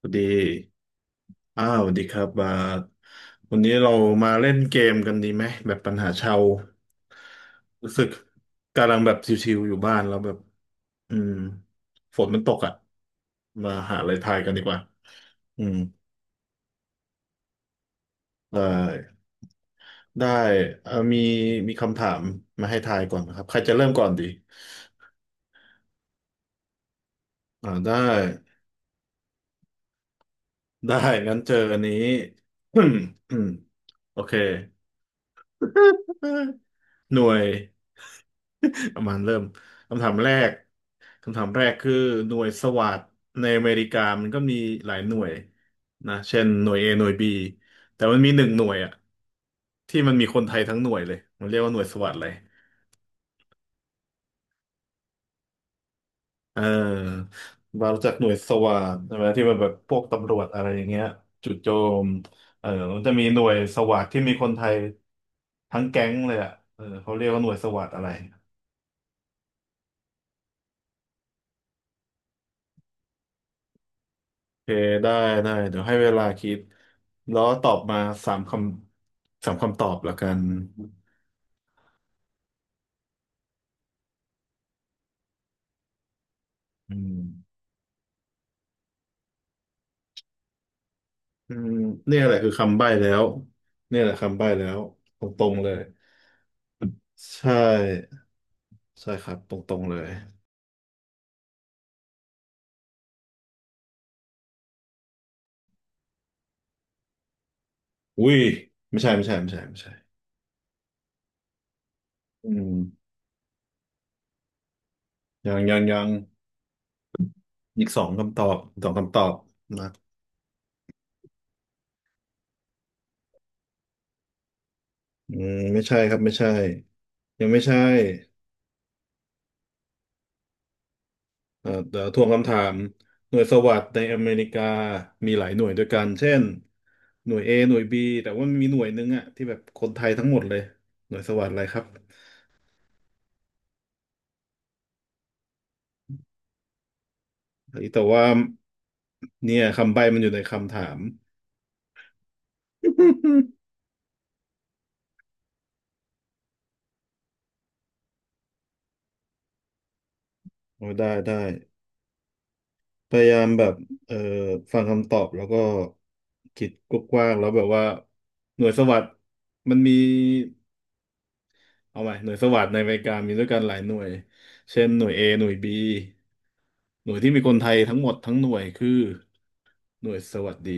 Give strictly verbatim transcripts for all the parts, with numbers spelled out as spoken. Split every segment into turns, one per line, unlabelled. สวัสดี อ้าว สวัสดีครับบาทวันนี้เรามาเล่นเกมกันดีไหม แบบปัญหาชาวรู้สึกกำลังแบบชิวๆอยู่บ้านแล้วแบบอืมฝนมันตกอ่ะมาหาอะไรทายกันดีกว่าอืมได้ได้เอ่อมีมีคำถามมาให้ทายก่อนนะครับ ใครจะเริ่มก่อนดีอ่าได้ ได้งั้นเจออันนี้ โอเค หน่วย ประมาณเริ่มคำถามแรกคำถามแรกคือหน่วยสวัสดในอเมริกามันก็มีหลายหน่วยนะเช่นหน่วย A หน่วย B แต่มันมีหนึ่งหน่วยอะที่มันมีคนไทยทั้งหน่วยเลยมันเรียกว่าหน่วยสวัสดเลยเออบารู้จักหน่วยสวาทใช่ไหมที่มันแบบพวกตำรวจอะไรอย่างเงี้ยจุดโจมเออมันจะมีหน่วยสวาทที่มีคนไทยทั้งแก๊งเลยอ่ะเออเขาเรียกว่าหน่วยสวาทอะไร โอเคได้ได้เดี๋ยวให้เวลาคิดแล้วตอบมาสามคำสามคำตอบละกันอืมอืมเนี่ยแหละคือคำใบ้แล้วเนี่ยแหละคำใบ้แล้วตรงๆเลยใช่ใช่ครับตรงๆเลยอุ้ยไม่ใช่ไม่ใช่ไม่ใช่ไม่ใช่อืมยังยังยังอีกสองคำตอบสองคำตอบนะอืมไม่ใช่ครับไม่ใช่ยังไม่ใช่ เอ่อเอ่อทวงคำถามหน่วยสวัสดในอเมริกามีหลายหน่วยด้วยกันเช่นหน่วย A หน่วย B แต่ว่ามีหน่วยหนึ่งอะที่แบบคนไทยทั้งหมดเลยหน่วยสวัสดอะไรครับแต่ว่าเนี่ยคำใบ้มันอยู่ในคำถาม โอ้ได้ได้พยายามแบบเอ่อฟังคำตอบแล้วก็คิดกว้างๆแล้วแบบว่าหน่วยสวัสดมันมีเอาไหมหน่วยสวัสดในอเมริกามีด้วยกันหลายหน่วยเช่นหน่วย A หน่วย B หน่วยที่มีคนไทยทั้งหมดทั้งหน่วยคือหน่วยสวัสดี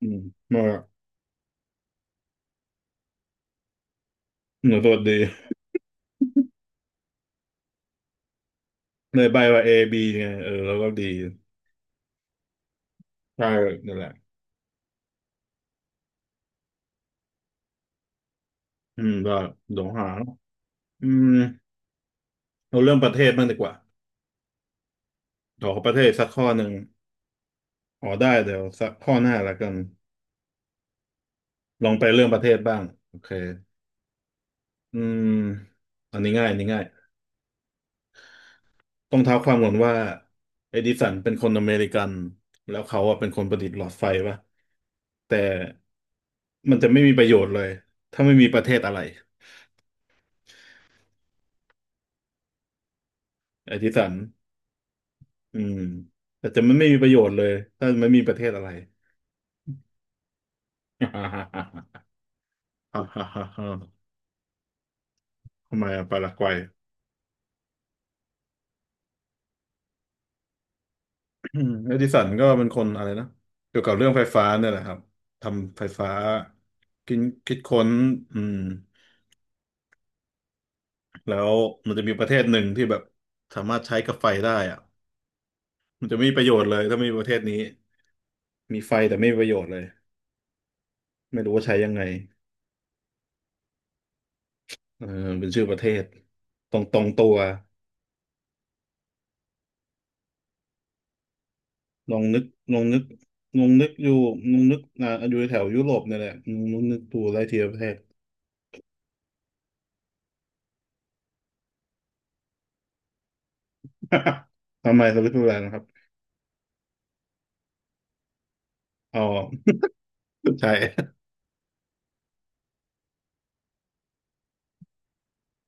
อืมมาหน่วยสวัสดีในใบว่า A B ไงเออแล้วก็ดีใช่นั่นแหละอืมก็เดี๋ยวหาอืมเอาเรื่องประเทศบ้างดีกว่าขอประเทศสักข้อหนึ่งอ๋อได้เดี๋ยวสักข้อหน้าละกันลองไปเรื่องประเทศบ้างโอเคอืมอันนี้ง่ายอันนี้ง่ายต้องเท้าความก่อนว่าเอดิสันเป็นคนอเมริกันแล้วเขาอะเป็นคนประดิษฐ์หลอดไฟปะแต่ มันจะไม่มีประโยชน์เลยถ้าไม่มีประเทศอะไรไอ้ที่สันอืมแต่จะมันไม่มีประโยชน์เลยถ้าไม่มีประเทศอะไร ฮ่าฮ่าฮ่าฮ่าทำไมอะปารากวัย อืมเอดิสันก็เป็นคนอะไรนะเกี่ยวกับเรื่องไฟฟ้าเนี่ยแหละครับทำไฟฟ้าคิดคิดค้นอืมแล้วมันจะมีประเทศหนึ่งที่แบบสามารถใช้กับไฟได้อะมันจะไม่มีประโยชน์เลยถ้าไม่มีประเทศนี้มีไฟแต่ไม่มีประโยชน์เลยไม่รู้ว่าใช้ยังไง เออเป็นชื่อประเทศตรงตรงตัวลองนึกลองนึกลองนึกอยู่ลองนึกนะอยู่แถวยุโรปเนี่ยแหละลองนึกดูไล่ทีละประเทศ ทำไมสวิตเซอร์แลนด์นะครับอ๋อใช่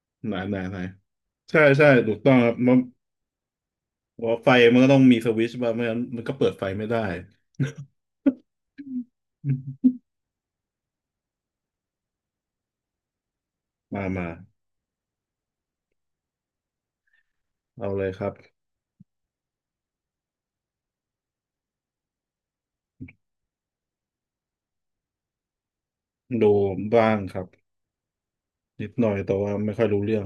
ไหนไหนไหนใช่ใช่ถูกต้องครับมันว่าไฟมันก็ต้องมีสวิตช์บ้างไม่งั้นมันก็เปิดไฟไม่ได้ มามาเอาเลยครับดูบ้างครับนิดหน่อยแต่ว่าไม่ค่อยรู้เรื่อง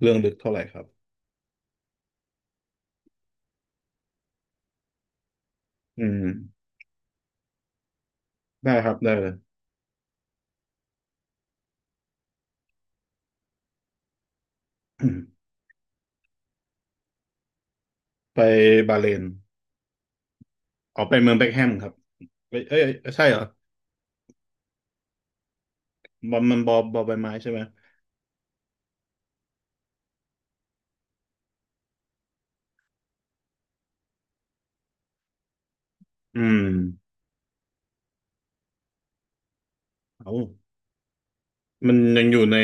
เรื่องลึกเท่าไหร่ครับอืมได้ครับได้เลย ไปบาห์เรน ออกไปเมืองเบ็คแฮมครับเอ้ยเอ้ยอ้ใช่เหรอบอลมันบอลบอลใบไม้ใช่ไหมอืมเอามันยังอยู่ใน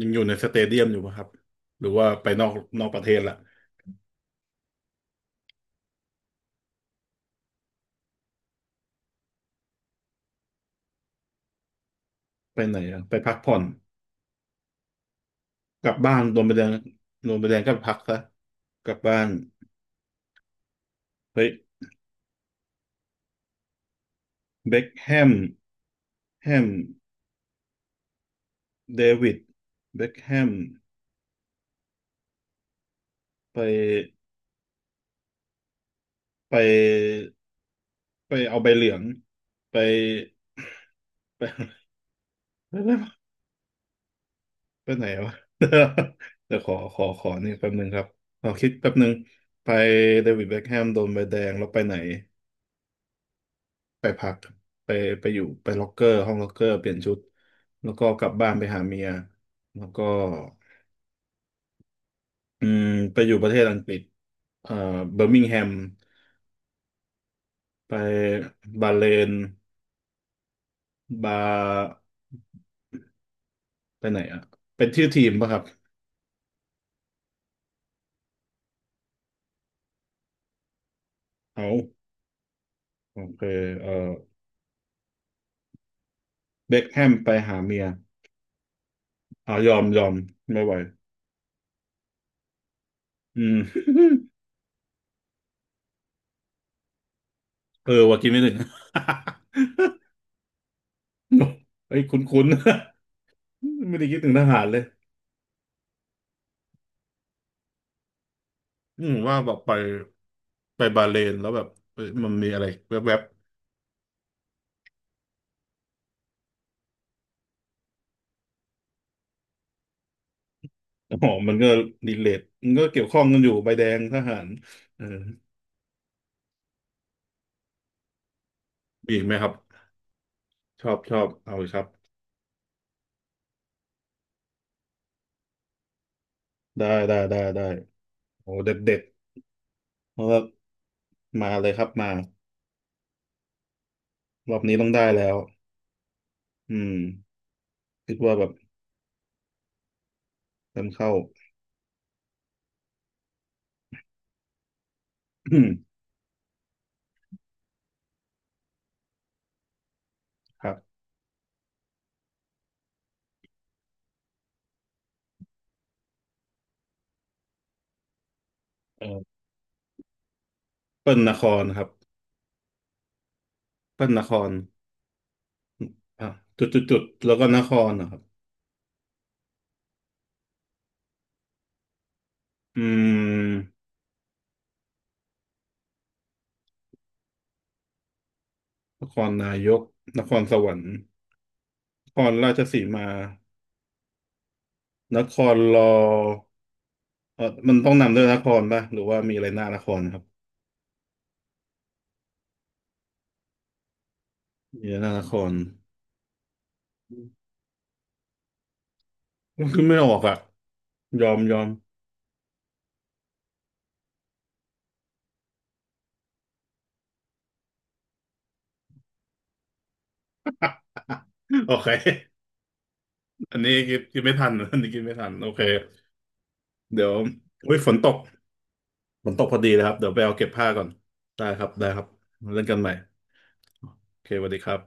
ยังอยู่ในสเตเดียมอยู่ปะครับหรือว่าไปนอกนอกประเทศละไปไหนอะไปพักผ่อนกลับบ้านโดนใบแดงโดนใบแดงก็พักซะกลับบ้านเฮ้ยเบ็คแฮมแฮมเดวิดเบ็คแฮมไปไปไปเอาใบเหลืองไปไปไป ไปไหนวะ เดี๋ยวขอขอขอนี่แป๊บหนึ่งครับขอคิดแป๊บหนึ่งไปเดวิดเบ็คแฮมโดนใบแดงแล้วไปไหนไปพักไปไปอยู่ไปล็อกเกอร์ห้องล็อกเกอร์เปลี่ยนชุดแล้วก็กลับบ้านไปหาเมียแล้วก็อืมไปอยู่ประเทศอังกฤษเอ่อเบอร์มิงแฮมไปบาเลนบาไปไหนอ่ะเป็นชื่อทีมป่ะครับเอาโอเคเอ่อเบ็คแฮมไปหาเมียเอายอมยอมไม่ไหวอืม เออว่ากินไม่ถึง ไอ้ยคุ้นๆ ไม่ได้คิดถึงทหารเลยอืมว่าแบบไปไปบาห์เรนแล้วแบบเอ้ยมันมีอะไรแวบๆอ๋อมันก็รีเลทมันก็เกี่ยวข้องกันอยู่ใบแดงทหารเออมีอีกไหมครับชอบชอบเอาเลยครับได้ได้ได้ได้โอ้เด็ดเด็ดเพราะว่ามาเลยครับมารอบนี้ต้องได้แล้วอืมคิดว่าแบบเริ่มเข้า ครับเออเปิ้ลนครครับเปิ้ลนคร อ่ะจุดจุดจุดแล้วก็นครนะครับอืมนครนายกนครสวรรค์นครราชสีมานครรอเออมันต้องนำด้วยนครป่ะหรือว่ามีอะไรหน้านครครับมีอะไรหน้านครมันคือไม่ออกอ่ะยอมยอม โอเคอันนี้กินกินไม่ทันอันนี้กินไม่ทันโอเคเดี๋ยวอุ้ยฝนตกฝนตกพอดีเลยครับเดี๋ยวไปเอาเก็บผ้าก่อนได้ครับได้ครับเล่นกันใหม่โอเคสวัสดีครับ